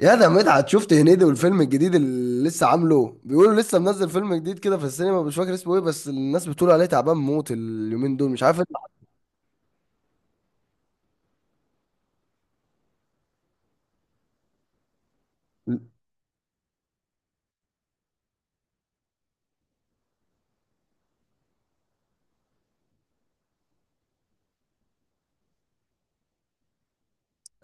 يا ده مدحت، شفت هنيدي والفيلم الجديد اللي لسه عامله؟ بيقولوا لسه منزل فيلم جديد كده في السينما، مش فاكر اسمه ايه، بس الناس بتقول عليه تعبان موت اليومين دول، مش عارف إيه.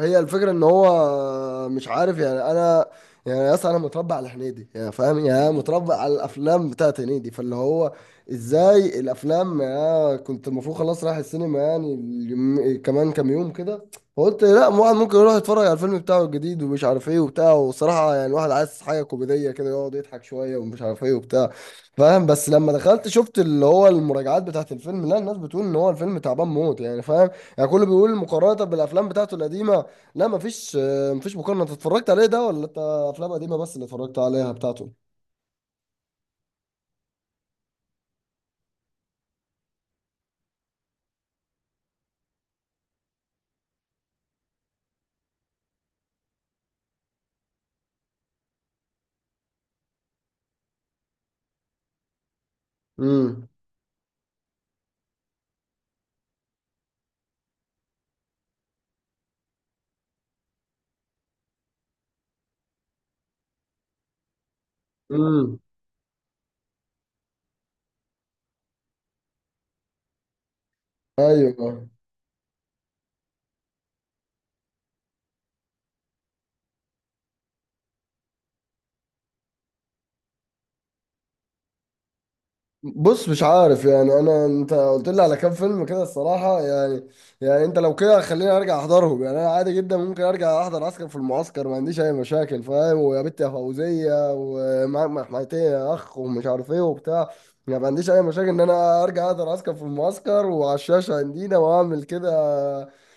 هي الفكرة ان هو مش عارف، يعني انا يعني يا اسطى انا متربى على هنيدي، يعني فاهم، يعني أنا متربى على الافلام بتاعت هنيدي، فاللي هو ازاي الافلام، يعني كنت المفروض خلاص رايح السينما يعني كمان كام يوم كده، فقلت لا واحد ممكن يروح يتفرج على الفيلم بتاعه الجديد ومش عارف ايه وبتاع. وصراحة يعني الواحد عايز حاجة كوميدية كده، يقعد يضحك شوية ومش عارف ايه وبتاع، فاهم. بس لما دخلت شفت اللي هو المراجعات بتاعت الفيلم، لا الناس بتقول ان هو الفيلم تعبان موت، يعني فاهم، يعني كله بيقول مقارنة بالافلام بتاعته القديمة. لا مفيش مفيش مقارنة. انت اتفرجت عليه ده، ولا انت افلام قديمة بس اللي اتفرجت عليها بتاعته؟ امم. امم. ايوه. بص مش عارف يعني انا، انت قلت لي على كام فيلم كده الصراحه، يعني يعني انت لو كده خليني ارجع احضرهم. يعني انا عادي جدا ممكن ارجع احضر عسكر في المعسكر، ما عنديش اي مشاكل فاهم، ويا بنت يا فوزيه، ومعاك محميتين يا اخ، ومش عارف ايه وبتاع. يعني ما عنديش اي مشاكل ان انا ارجع احضر عسكر في المعسكر، وعلى الشاشه عندنا واعمل كده.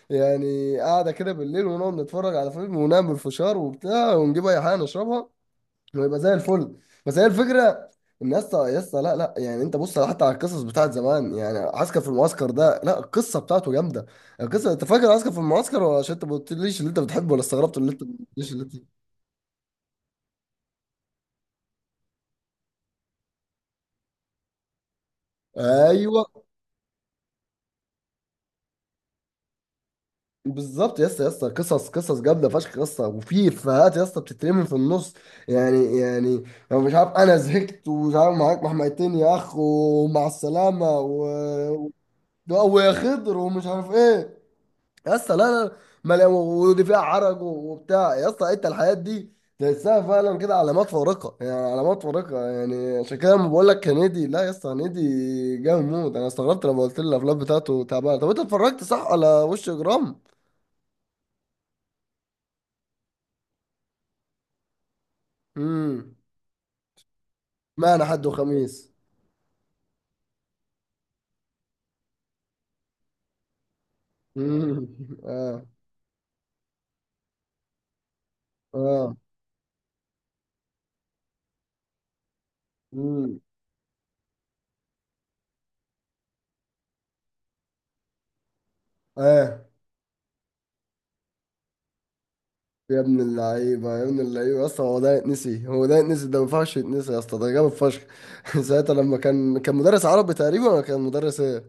يعني قاعده كده بالليل، ونقعد نتفرج على فيلم، ونعمل فشار وبتاع، ونجيب اي حاجه نشربها، ويبقى زي الفل. بس هي الفكره، ان يا اسطى يا اسطى لا يعني انت بص، حتى على القصص بتاعت زمان، يعني عسكر في المعسكر ده، لا القصه بتاعته جامده. القصه، انت فاكر عسكر في المعسكر؟ ولا عشان انت ما قلتليش اللي انت بتحبه، ولا استغربت اللي انت ما قلتليش اللي انت. ايوه بالظبط يا اسطى يا اسطى، قصص قصص جامده فشخ يا اسطى، وفي افيهات يا اسطى بتترمي في النص، يعني يعني لو مش عارف انا زهقت ومش عارف، معاك محميتين يا اخ، ومع السلامه ويا خضر ومش عارف ايه. يا اسطى لا ما لا- ودي فيها عرج وبتاع، يا اسطى انت الحاجات دي تحسها فعلا كده علامات فارقه، يعني علامات فارقه، يعني عشان كده لما بقول لك هنيدي، لا يا اسطى هنيدي جامد موت. انا استغربت لما قلت لي الافلام بتاعته تعبانه. طب انت اتفرجت صح على وش اجرام؟ امم. معنى حد وخميس؟ امم. اه. اه. امم. اه. يا ابن اللعيبة يا ابن اللعيبة يا اسطى، هو ده يتنسي؟ هو ده يتنسي؟ ده ما ينفعش يتنسي يا اسطى، ده جامد فشخ. ساعتها لما كان، كان مدرس عربي تقريبا، ولا كان مدرس ايه؟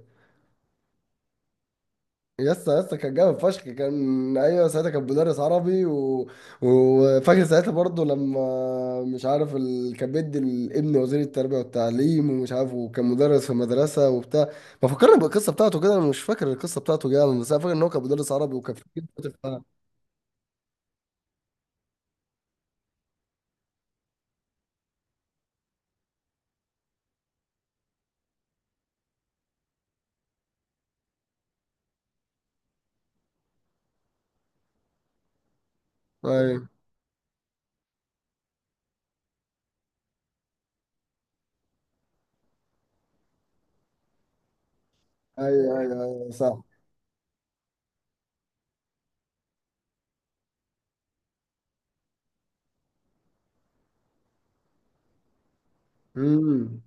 يا اسطى يا اسطى كان جامد فشخ، كان ايوه ساعتها كان مدرس عربي وفاكر ساعتها برضه لما مش عارف كان بيدي الابن وزير التربية والتعليم ومش عارف، وكان مدرس في مدرسة وبتاع. ما فكرني بالقصة بتاعته كده، انا مش فاكر القصة بتاعته جامد، بس انا فاكر ان هو كان مدرس عربي، وكان في. ايوه ايوه ايوه صح. امم.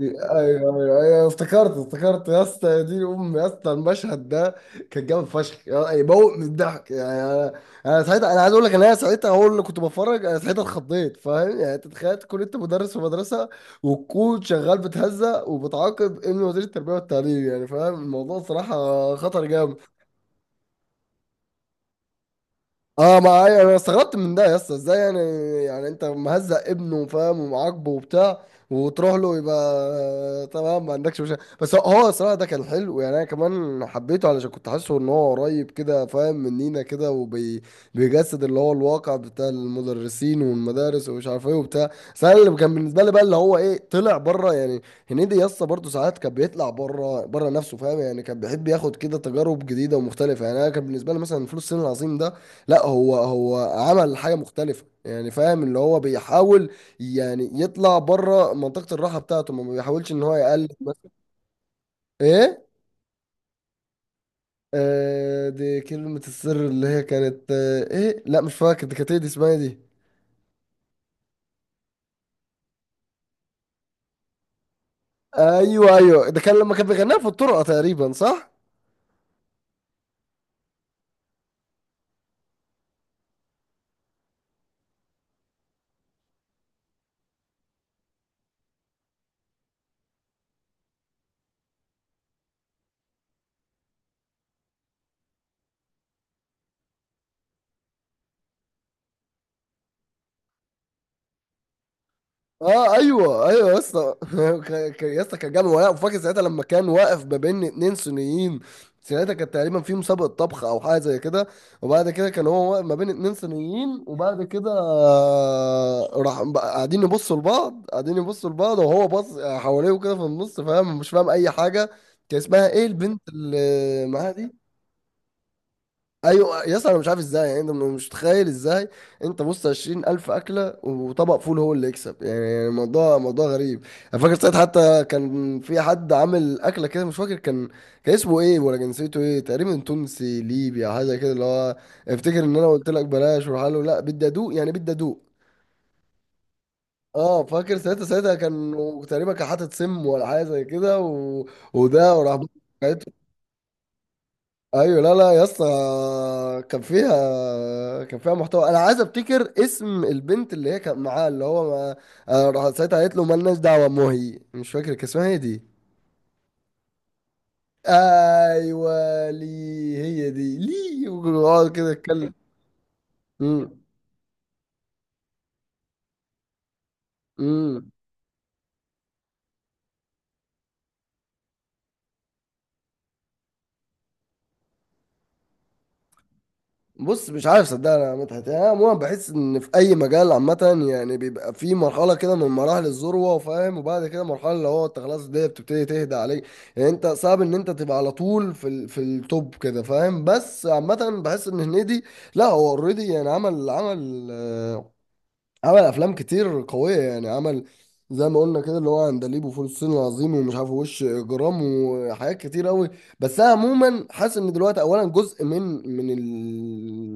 ايوه ايوه ايوه، افتكرت افتكرت يا اسطى، يا دين امي يا اسطى المشهد ده كان جامد فشخ، يموت من الضحك، يعني انا انا ساعتها، انا عايز اقول لك، انا ساعتها هو اللي كنت بتفرج، انا ساعتها اتخضيت فاهم. يعني انت تخيل تكون انت مدرس في مدرسه، وتكون شغال بتهزأ وبتعاقب ابن وزير التربيه والتعليم، يعني فاهم؟ الموضوع صراحه خطر جامد. اه ما انا استغربت من ده يا اسطى، ازاي يعني؟ يعني انت مهزق ابنه فاهم، ومعاقبه وبتاع، وتروح له يبقى تمام ما عندكش مشكله. بس هو هو الصراحه ده كان حلو، يعني انا كمان حبيته علشان كنت حاسه ان هو قريب كده فاهم، مننا كده، وبيجسد اللي هو الواقع بتاع المدرسين والمدارس ومش عارف ايه وبتاع. بس انا اللي كان بالنسبه لي بقى، اللي هو ايه، طلع بره يعني. هنيدي يا اسطى برضه ساعات كان بيطلع بره، بره نفسه فاهم، يعني كان بيحب ياخد كده تجارب جديده ومختلفه، يعني انا كان بالنسبه لي مثلا فلوس الصين العظيم ده، لا هو هو عمل حاجة مختلفة، يعني فاهم اللي هو بيحاول يعني يطلع بره منطقة الراحة بتاعته، ما بيحاولش ان هو يقلد مثلا. ايه؟ آه دي كلمة السر، اللي هي كانت آه ايه، لا مش فاكر، دي كانت ايه، دي اسمها إيه دي؟ ايوه ايوه، ده كان لما كان بيغنيها في الطرقة تقريبا، صح. اه ايوه ايوه يا اسطى. يا اسطى كان جامد، ولا وفاكر ساعتها لما كان واقف ما بين اتنين صينيين. ساعتها كانت تقريبا في مسابقه طبخ او حاجه زي كده، وبعد كده كان هو واقف ما بين اتنين صينيين، وبعد كده راح بقى قاعدين يبصوا لبعض، قاعدين يبصوا لبعض، وهو باص حواليه وكده في النص، فاهم مش فاهم اي حاجه. كان اسمها ايه البنت اللي معاها دي؟ ايوه يس، انا مش عارف ازاي يعني، انت مش متخيل ازاي. انت بص، 20,000 اكله وطبق فول هو اللي يكسب؟ يعني الموضوع موضوع غريب. انا فاكر ساعتها حتى كان في حد عامل اكله كده، مش فاكر كان، كان اسمه ايه، ولا جنسيته ايه تقريبا، تونسي ليبي او حاجه كده، اللي هو افتكر ان انا قلت لك بلاش، وراح له لا بدي ادوق يعني بدي ادوق. اه فاكر ساعتها، ساعتها كان تقريبا كان حاطط سم ولا حاجه زي كده وده وراح. ايوه لا لا يا اسطى، كان فيها كان فيها محتوى. انا عايز افتكر اسم البنت اللي هي كانت معاه، اللي هو ما... أنا راح ساعتها قالت له مالناش دعوه، مهي مش فاكر كان اسمها ايه دي. ايوه لي. هي دي لي، ويقعد كده يتكلم. امم. بص مش عارف صدقني يا مدحت، يعني انا عموما بحس ان في اي مجال عامه يعني بيبقى في مرحله كده من مراحل الذروه فاهم، وبعد كده مرحله اللي هو انت خلاص الدنيا بتبتدي تهدى عليك. يعني انت صعب ان انت تبقى على طول في في التوب كده فاهم، بس عامه بحس ان هنيدي، لا هو اوريدي يعني عمل عمل افلام كتير قويه، يعني عمل زي ما قلنا كده اللي هو عندليب وفول الصين العظيم ومش عارف وش اجرام وحاجات كتير قوي. بس انا عموما حاسس ان دلوقتي اولا جزء من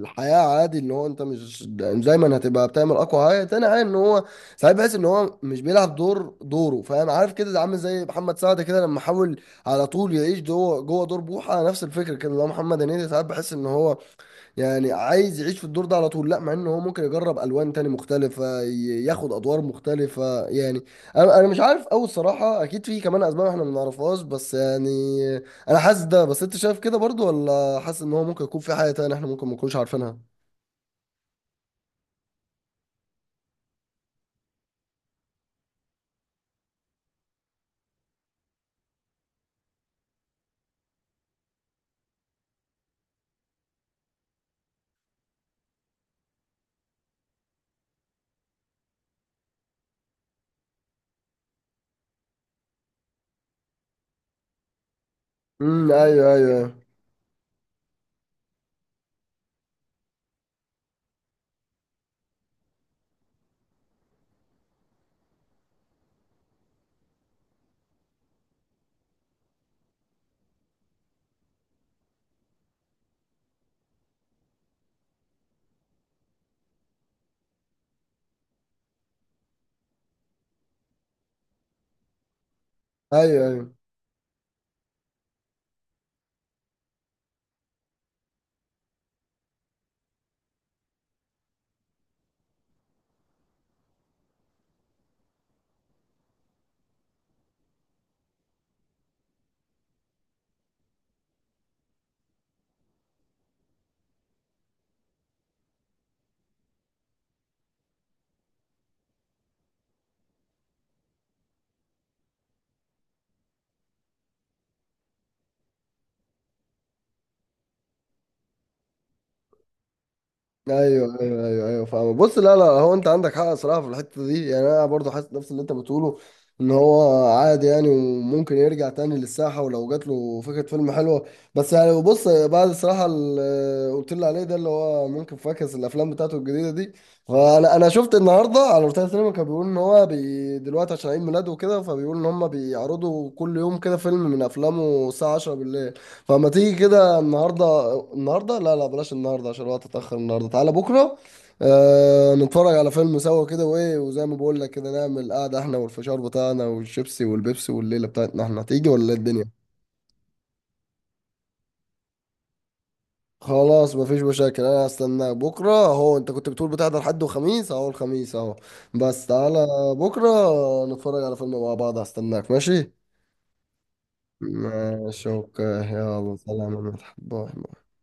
الحياه عادي ان هو انت مش يعني دايما هتبقى بتعمل اقوى حاجه. تاني حاجه ان هو ساعات بحس ان هو مش بيلعب دور دوره فاهم، عارف كده، ده عامل زي محمد سعد كده لما حاول على طول يعيش جوه دور بوحه. نفس الفكره كده اللي هو محمد هنيدي ساعات بحس ان هو يعني عايز يعيش في الدور ده على طول، لا مع ان هو ممكن يجرب الوان تاني مختلفه، ياخد ادوار مختلفه يعني. انا مش عارف قوي الصراحه، اكيد في كمان اسباب احنا ما نعرفهاش، بس يعني انا حاسس ده. بس انت شايف كده برضو؟ ولا حاسس ان هو ممكن يكون في حاجه تانية احنا ممكن ما نكونش عارفينها؟ امم. ايوه ايوه ايوه ايوه ايوه ايوه ايوه ايوه فاهم. بص لا لا، هو انت عندك حق صراحه في الحته دي، يعني انا برضو حاسس نفس اللي انت بتقوله، ان هو عادي يعني، وممكن يرجع تاني للساحه ولو جات له فكره فيلم حلوه. بس يعني بص بعد الصراحه اللي قلت لي عليه ده، اللي هو ممكن فاكس الافلام بتاعته الجديده دي. فانا شفت النهارده على روتانا سينما، كان بيقول ان هو بي دلوقتي عشان عيد ميلاده وكده، فبيقول ان هم بيعرضوا كل يوم كده فيلم من افلامه الساعه 10 بالليل. فما تيجي كده النهارده؟ النهارده لا لا بلاش، النهارده عشان الوقت اتأخر، النهارده تعالى بكره. آه نتفرج على فيلم سوا كده، وايه وزي ما بقول لك كده نعمل قعده احنا والفشار بتاعنا والشيبسي والبيبسي، والليله بتاعتنا احنا هتيجي، ولا إيه الدنيا. خلاص مفيش مشاكل، انا هستناك بكره. اهو انت كنت بتقول بتحضر حد وخميس، اهو الخميس اهو، بس تعالى بكره نتفرج على فيلم مع بعض. هستناك، ماشي. ماشي اوكي، يلا سلام يا مدحت، باي.